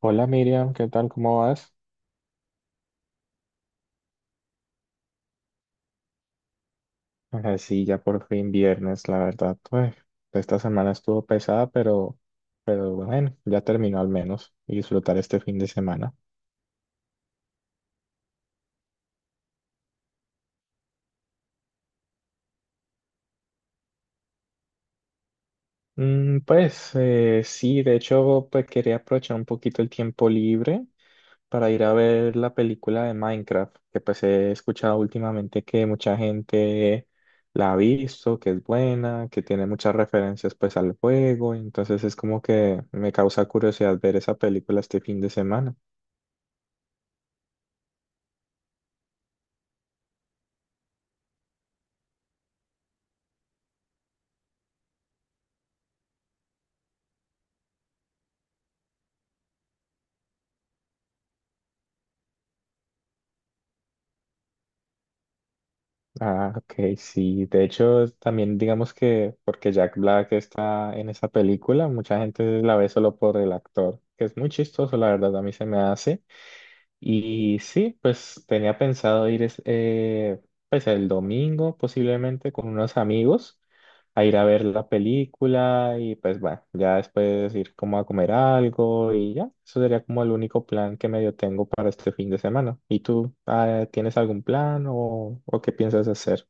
Hola Miriam, ¿qué tal? ¿Cómo vas? Ajá, sí, ya por fin viernes, la verdad. Pues esta semana estuvo pesada, pero bueno, ya terminó al menos y disfrutar este fin de semana. Mm, pues sí, de hecho, pues quería aprovechar un poquito el tiempo libre para ir a ver la película de Minecraft, que pues he escuchado últimamente que mucha gente la ha visto, que es buena, que tiene muchas referencias pues al juego, entonces es como que me causa curiosidad ver esa película este fin de semana. Ah, ok, sí, de hecho también digamos que porque Jack Black está en esa película, mucha gente la ve solo por el actor, que es muy chistoso, la verdad, a mí se me hace. Y sí, pues tenía pensado pues el domingo posiblemente con unos amigos a ir a ver la película y pues bueno, ya después ir como a comer algo y ya, eso sería como el único plan que medio tengo para este fin de semana. ¿Y tú, tienes algún plan o qué piensas hacer?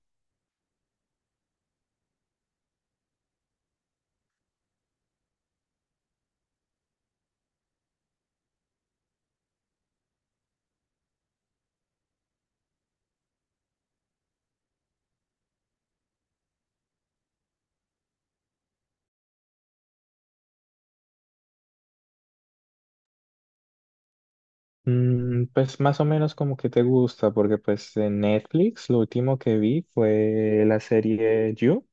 Mm, pues más o menos como que te gusta, porque pues en Netflix lo último que vi fue la serie You,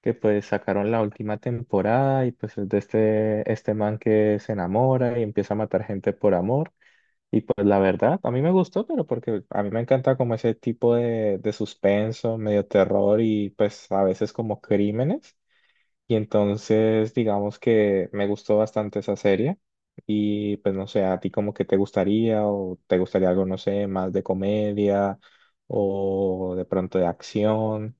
que pues sacaron la última temporada y pues es de este man que se enamora y empieza a matar gente por amor. Y pues la verdad, a mí me gustó, pero porque a mí me encanta como ese tipo de suspenso, medio terror y pues a veces como crímenes. Y entonces digamos que me gustó bastante esa serie. Y pues no sé, a ti como que te gustaría o te gustaría algo, no sé, más de comedia o de pronto de acción.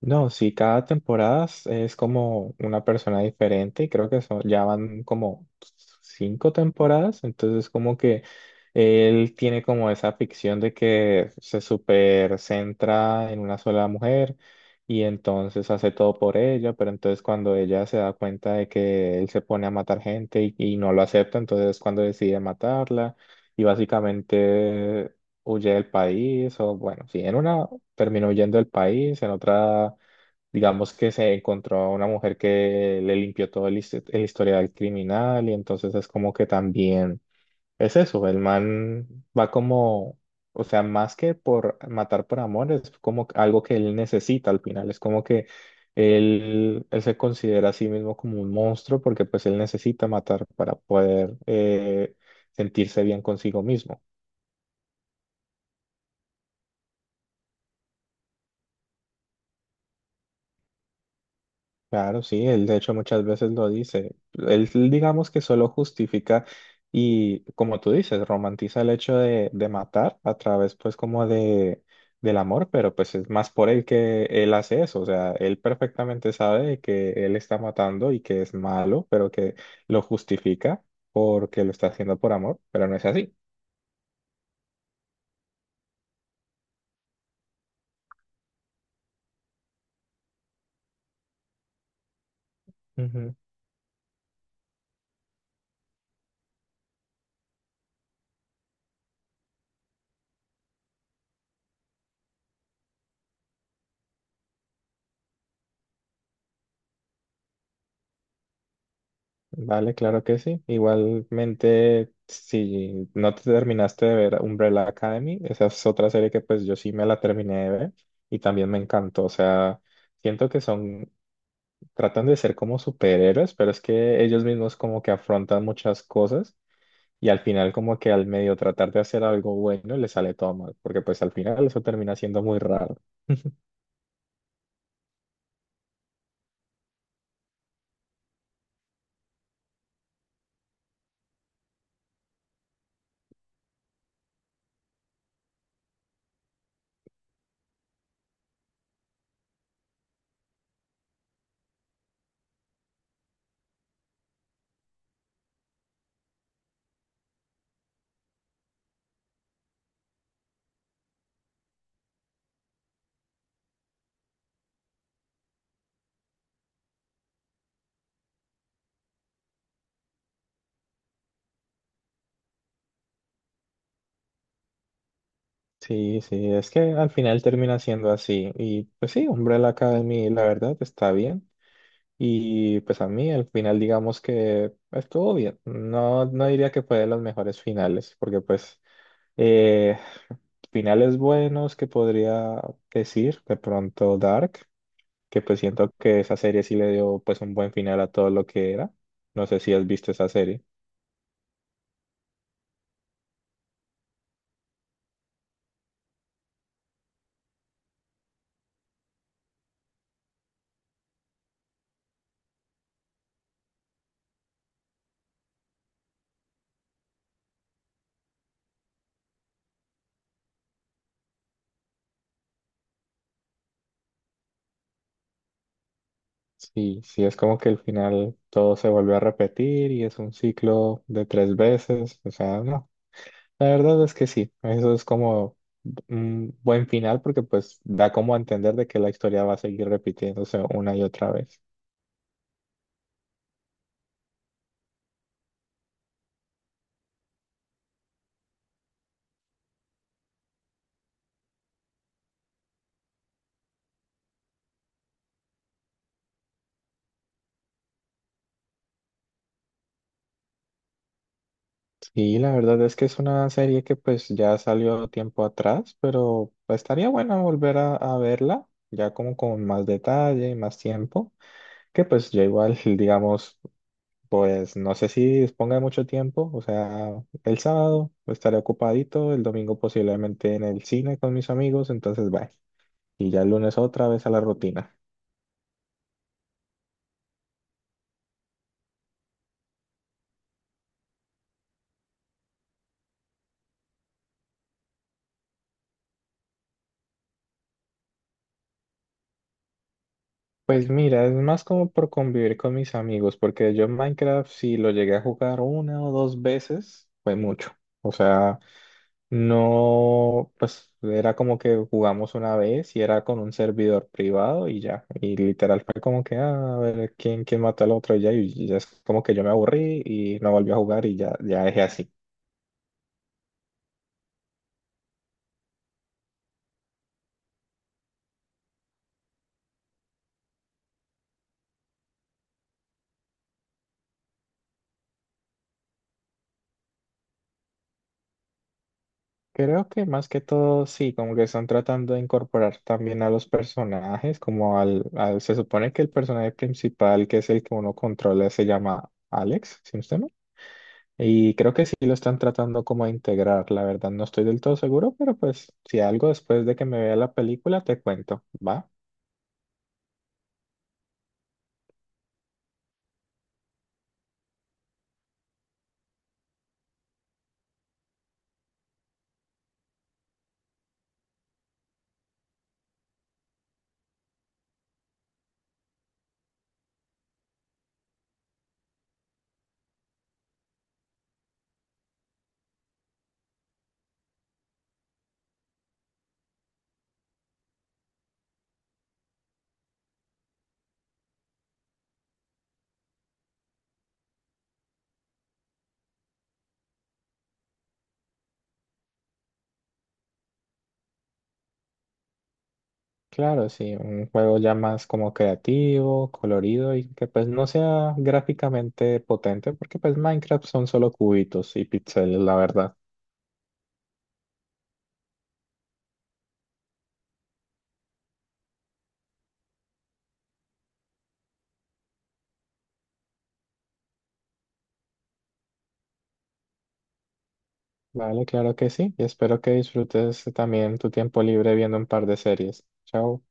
No, sí, cada temporada es como una persona diferente y creo que son, ya van como cinco temporadas, entonces como que él tiene como esa ficción de que se super centra en una sola mujer y entonces hace todo por ella, pero entonces cuando ella se da cuenta de que él se pone a matar gente y no lo acepta, entonces es cuando decide matarla y básicamente huye del país, o bueno, sí, en una terminó huyendo del país, en otra, digamos que se encontró a una mujer que le limpió todo el, el historial criminal, y entonces es como que también es eso, el man va como, o sea, más que por matar por amor, es como algo que él necesita al final, es como que él se considera a sí mismo como un monstruo porque pues él necesita matar para poder sentirse bien consigo mismo. Claro, sí, él de hecho muchas veces lo dice. Él digamos que solo justifica y como tú dices, romantiza el hecho de matar a través pues como de del amor, pero pues es más por él que él hace eso. O sea, él perfectamente sabe de que él está matando y que es malo, pero que lo justifica porque lo está haciendo por amor, pero no es así. Vale, claro que sí. Igualmente, si no te terminaste de ver Umbrella Academy, esa es otra serie que pues yo sí me la terminé de ver y también me encantó. O sea, siento que son, tratan de ser como superhéroes, pero es que ellos mismos como que afrontan muchas cosas y al final como que al medio tratar de hacer algo bueno les sale todo mal, porque pues al final eso termina siendo muy raro. Sí, sí, es que al final termina siendo así. Y pues sí, Umbrella Academy, la verdad, está bien. Y pues a mí el final digamos que estuvo bien. No, no diría que fue de los mejores finales, porque pues eh, finales buenos que podría decir, de pronto Dark, que pues siento que esa serie sí le dio pues un buen final a todo lo que era. No sé si has visto esa serie. Sí, sí, es como que el final todo se volvió a repetir y es un ciclo de tres veces. O sea, no, la verdad es que sí, eso es como un buen final porque pues da como a entender de que la historia va a seguir repitiéndose una y otra vez. Y la verdad es que es una serie que pues ya salió tiempo atrás, pero estaría bueno volver a verla ya como con más detalle y más tiempo, que pues yo igual digamos pues no sé si disponga de mucho tiempo, o sea, el sábado estaré ocupadito, el domingo posiblemente en el cine con mis amigos, entonces bye. Y ya el lunes otra vez a la rutina. Pues mira, es más como por convivir con mis amigos, porque yo en Minecraft si lo llegué a jugar una o dos veces, fue mucho. O sea, no, pues era como que jugamos una vez y era con un servidor privado y ya. Y literal fue como que, ah, a ver, ¿quién, quién mató al otro? Y ya es como que yo me aburrí y no volví a jugar y ya, ya dejé así. Creo que más que todo, sí, como que están tratando de incorporar también a los personajes, como se supone que el personaje principal, que es el que uno controla, se llama Alex, si no estoy mal. Y creo que sí lo están tratando como a integrar, la verdad no estoy del todo seguro, pero pues si algo después de que me vea la película te cuento, ¿va? Claro, sí, un juego ya más como creativo, colorido y que pues no sea gráficamente potente, porque pues Minecraft son solo cubitos y píxeles, la verdad. Vale, claro que sí. Y espero que disfrutes también tu tiempo libre viendo un par de series. Chao.